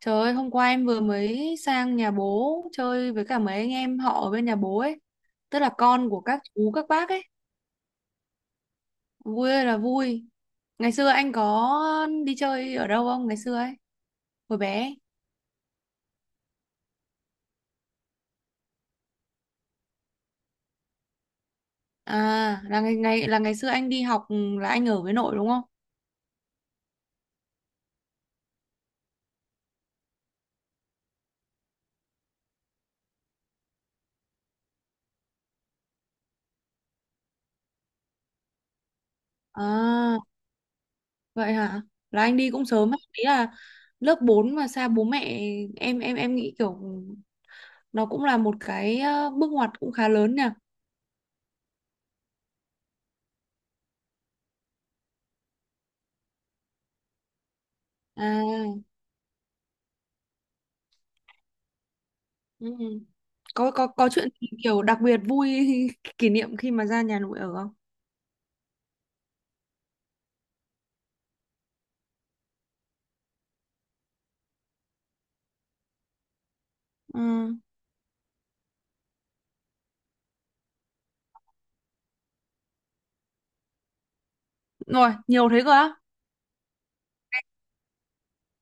Trời ơi, hôm qua em vừa mới sang nhà bố chơi với cả mấy anh em họ ở bên nhà bố ấy. Tức là con của các chú, các bác ấy. Vui ơi là vui. Ngày xưa anh có đi chơi ở đâu không? Ngày xưa ấy, hồi bé. Ấy. À, là ngày xưa anh đi học là anh ở với nội đúng không? À, vậy hả? Là anh đi cũng sớm ấy. Ý là lớp 4 mà xa bố mẹ, em nghĩ kiểu nó cũng là một cái bước ngoặt cũng khá lớn nhỉ. À. Ừ. Có chuyện gì kiểu đặc biệt vui kỷ niệm khi mà ra nhà nội ở không? Ừ. Rồi, nhiều thế cơ á.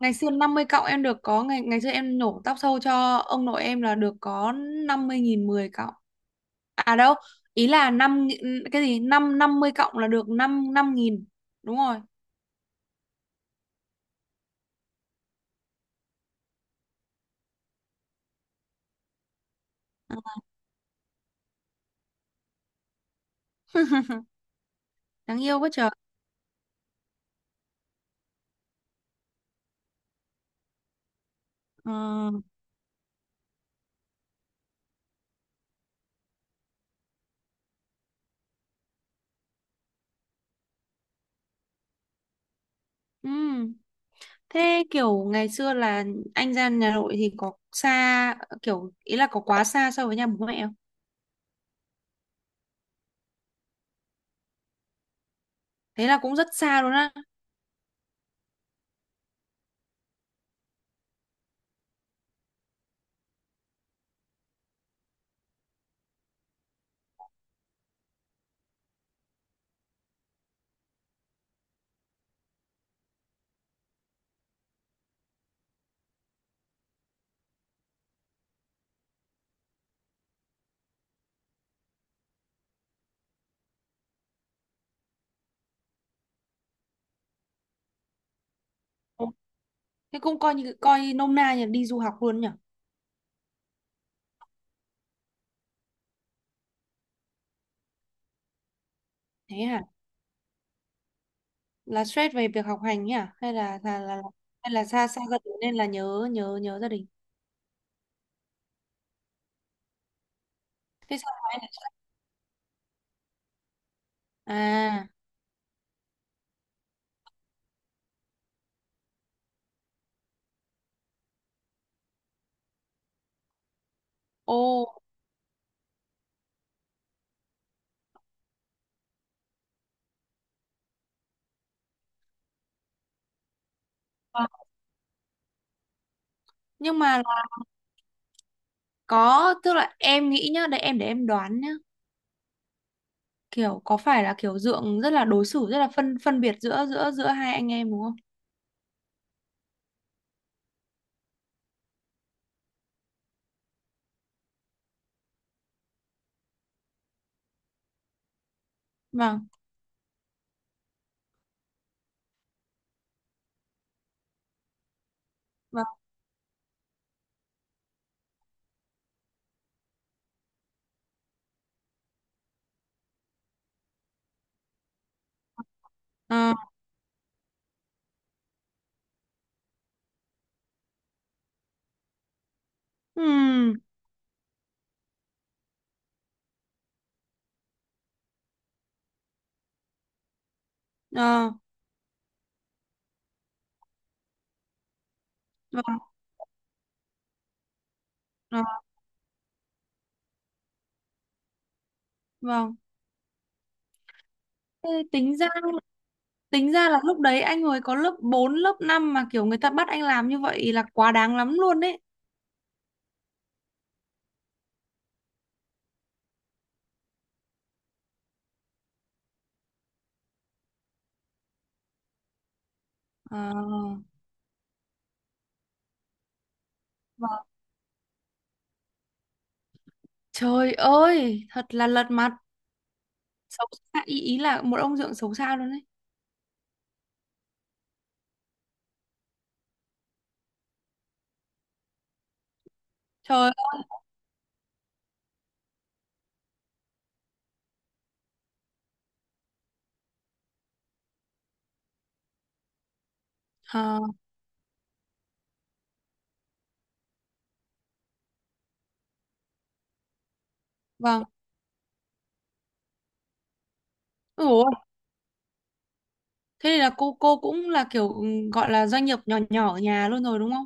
Ngày xưa 50 cọng em được có ngày, ngày xưa em nhổ tóc sâu cho ông nội em là được có 50 nghìn 10 cọng. À đâu, ý là năm cái gì? Năm năm mươi cọng là được 5 5 nghìn. Đúng rồi. Đáng yêu quá trời. Ờ. Ừ. Thế kiểu ngày xưa là anh ra nhà nội thì có xa, kiểu ý là có quá xa so với nhà bố mẹ? Thế là cũng rất xa luôn á. Ừ. Thế cũng coi như, coi nôm na như là đi du học luôn nhỉ. Thế hả? Là stress về việc học hành nhỉ, hay là hay là xa xa gia đình nên là nhớ nhớ nhớ gia đình? Thế sao mà em lại, à, ô, à, nhưng mà là, có, tức là em nghĩ nhá, để em đoán nhá, kiểu có phải là kiểu dượng rất là đối xử rất là phân phân biệt giữa giữa giữa hai anh em đúng không? Vâng. Vâng. Ờ. Ừm. Ờ. Vâng. Ờ, vâng. Thế tính ra, tính ra là lúc đấy anh hồi có lớp 4 lớp 5 mà kiểu người ta bắt anh làm như vậy là quá đáng lắm luôn đấy. À, vâng. Trời ơi, thật là lật mặt. Xấu xa, ý là một ông dượng xấu xa luôn đấy. Trời ơi, à, vâng. Ủa, thế thì là cô cũng là kiểu gọi là doanh nghiệp nhỏ nhỏ ở nhà luôn rồi đúng không?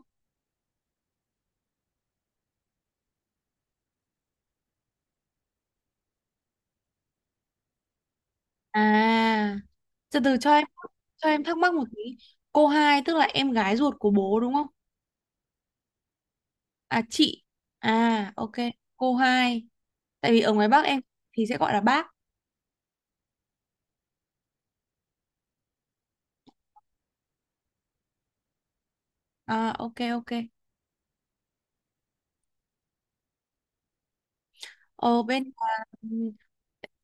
À, từ từ cho em, cho em thắc mắc một tí. Cô hai tức là em gái ruột của bố đúng không? À chị. À ok, cô hai. Tại vì ở ngoài Bắc em thì sẽ gọi là bác. À, ok ok. Ở bên là,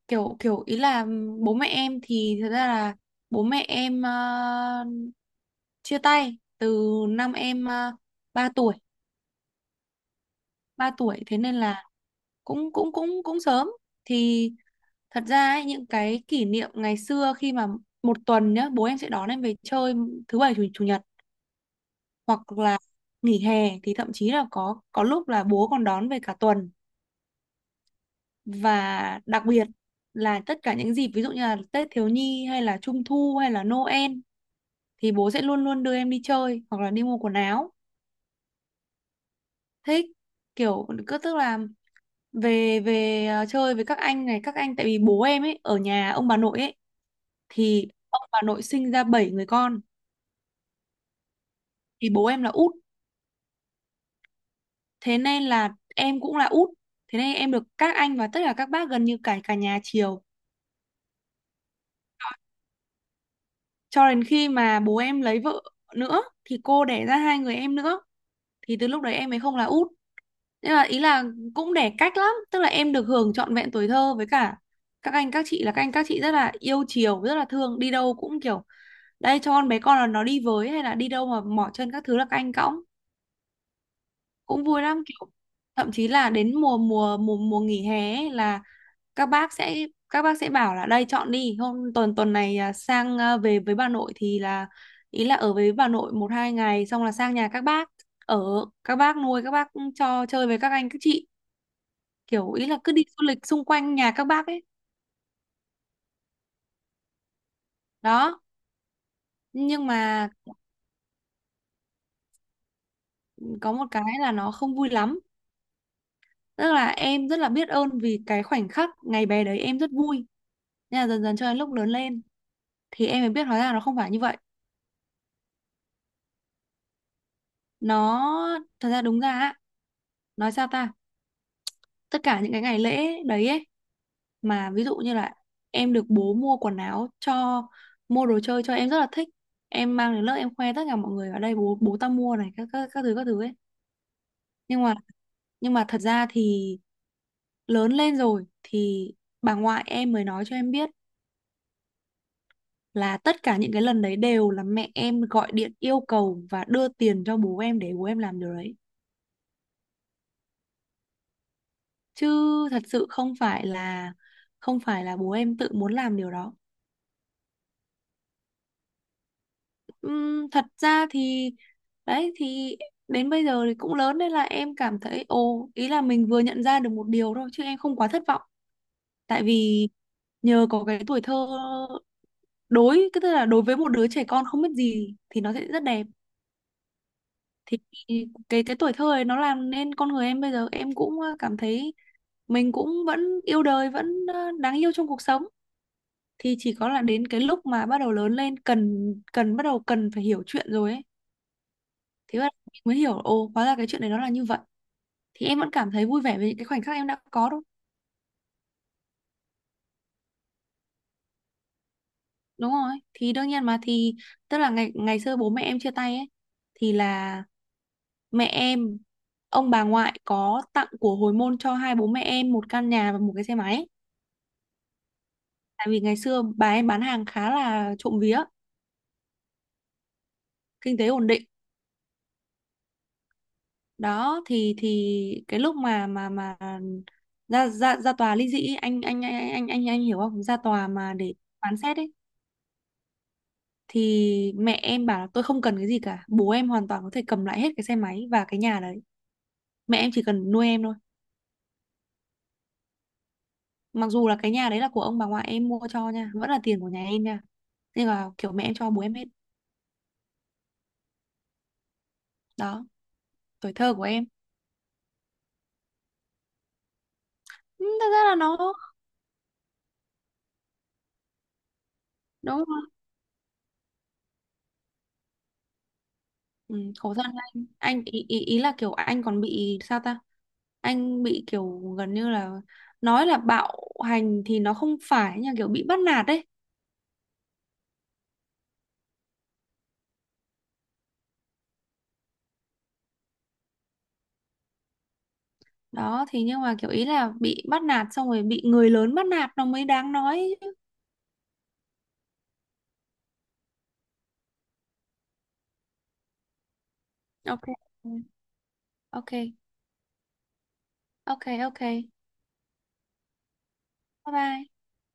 kiểu kiểu ý là bố mẹ em thì thật ra là bố mẹ em chia tay từ năm em uh, 3 tuổi, 3 tuổi, thế nên là cũng cũng sớm. Thì thật ra ấy, những cái kỷ niệm ngày xưa khi mà một tuần nhá, bố em sẽ đón em về chơi thứ bảy chủ nhật, hoặc là nghỉ hè thì thậm chí là có lúc là bố còn đón về cả tuần. Và đặc biệt là tất cả những dịp ví dụ như là Tết Thiếu Nhi hay là Trung Thu hay là Noel thì bố sẽ luôn luôn đưa em đi chơi hoặc là đi mua quần áo. Thích, kiểu cứ tức là về về chơi với các anh này, các anh, tại vì bố em ấy ở nhà ông bà nội ấy, thì ông bà nội sinh ra 7 người con, thì bố em là út, thế nên là em cũng là út, thế nên em được các anh và tất cả các bác gần như cả cả nhà chiều, cho đến khi mà bố em lấy vợ nữa thì cô đẻ ra hai người em nữa, thì từ lúc đấy em ấy không là út, nên là ý là cũng để cách lắm, tức là em được hưởng trọn vẹn tuổi thơ với cả các anh các chị, là các anh các chị rất là yêu chiều rất là thương, đi đâu cũng kiểu đây cho con bé con là nó đi với, hay là đi đâu mà mỏ chân các thứ là các anh cõng, cũng vui lắm, kiểu thậm chí là đến mùa mùa mùa mùa nghỉ hè ấy là các bác sẽ, các bác sẽ bảo là đây chọn đi hôm, tuần tuần này à, sang, à, về với bà nội thì là ý là ở với bà nội một hai ngày xong là sang nhà các bác ở, các bác nuôi, các bác cho chơi với các anh các chị, kiểu ý là cứ đi du lịch xung quanh nhà các bác ấy. Đó, nhưng mà có một cái là nó không vui lắm, tức là em rất là biết ơn vì cái khoảnh khắc ngày bé đấy em rất vui, nhưng mà dần dần cho đến lúc lớn lên thì em mới biết hóa ra nó không phải như vậy. Nó thật ra đúng ra á, nói sao ta, tất cả những cái ngày lễ đấy ấy, mà ví dụ như là em được bố mua quần áo cho, mua đồ chơi cho, em rất là thích, em mang đến lớp em khoe tất cả mọi người ở đây bố, bố tao mua này, các thứ, các thứ ấy, nhưng mà, thật ra thì lớn lên rồi thì bà ngoại em mới nói cho em biết là tất cả những cái lần đấy đều là mẹ em gọi điện yêu cầu và đưa tiền cho bố em để bố em làm điều đấy, chứ thật sự không phải là, không phải là bố em tự muốn làm điều đó. Thật ra thì, đấy thì, đến bây giờ thì cũng lớn nên là em cảm thấy ồ ý là mình vừa nhận ra được một điều thôi chứ em không quá thất vọng, tại vì nhờ có cái tuổi thơ, đối cái tức là đối với một đứa trẻ con không biết gì thì nó sẽ rất đẹp, thì cái tuổi thơ ấy nó làm nên con người em bây giờ, em cũng cảm thấy mình cũng vẫn yêu đời, vẫn đáng yêu trong cuộc sống, thì chỉ có là đến cái lúc mà bắt đầu lớn lên cần cần bắt đầu cần phải hiểu chuyện rồi ấy, thế mà mình mới hiểu ồ hóa ra cái chuyện này nó là như vậy, thì em vẫn cảm thấy vui vẻ với những cái khoảnh khắc em đã có đâu. Đúng rồi, thì đương nhiên mà, thì tức là ngày ngày xưa bố mẹ em chia tay ấy, thì là mẹ em, ông bà ngoại có tặng của hồi môn cho hai bố mẹ em một căn nhà và một cái xe máy, tại vì ngày xưa bà em bán hàng khá là trộm vía, kinh tế ổn định. Đó thì cái lúc mà ra ra ra tòa ly dị ấy, anh hiểu không, ra tòa mà để phán xét ấy, thì mẹ em bảo là tôi không cần cái gì cả, bố em hoàn toàn có thể cầm lại hết cái xe máy và cái nhà đấy, mẹ em chỉ cần nuôi em thôi, mặc dù là cái nhà đấy là của ông bà ngoại em mua cho nha, vẫn là tiền của nhà em nha, nhưng mà kiểu mẹ em cho bố em hết. Đó, tuổi thơ của em. Ừ, thật ra là nó, đúng rồi. Ừ, khổ thân. Anh ý là kiểu anh còn bị sao ta, anh bị kiểu gần như là, nói là bạo hành thì nó không phải nhưng kiểu bị bắt nạt đấy. Đó thì, nhưng mà kiểu ý là bị bắt nạt xong rồi bị người lớn bắt nạt nó mới đáng nói chứ. Ok ok ok ok. Bye bye.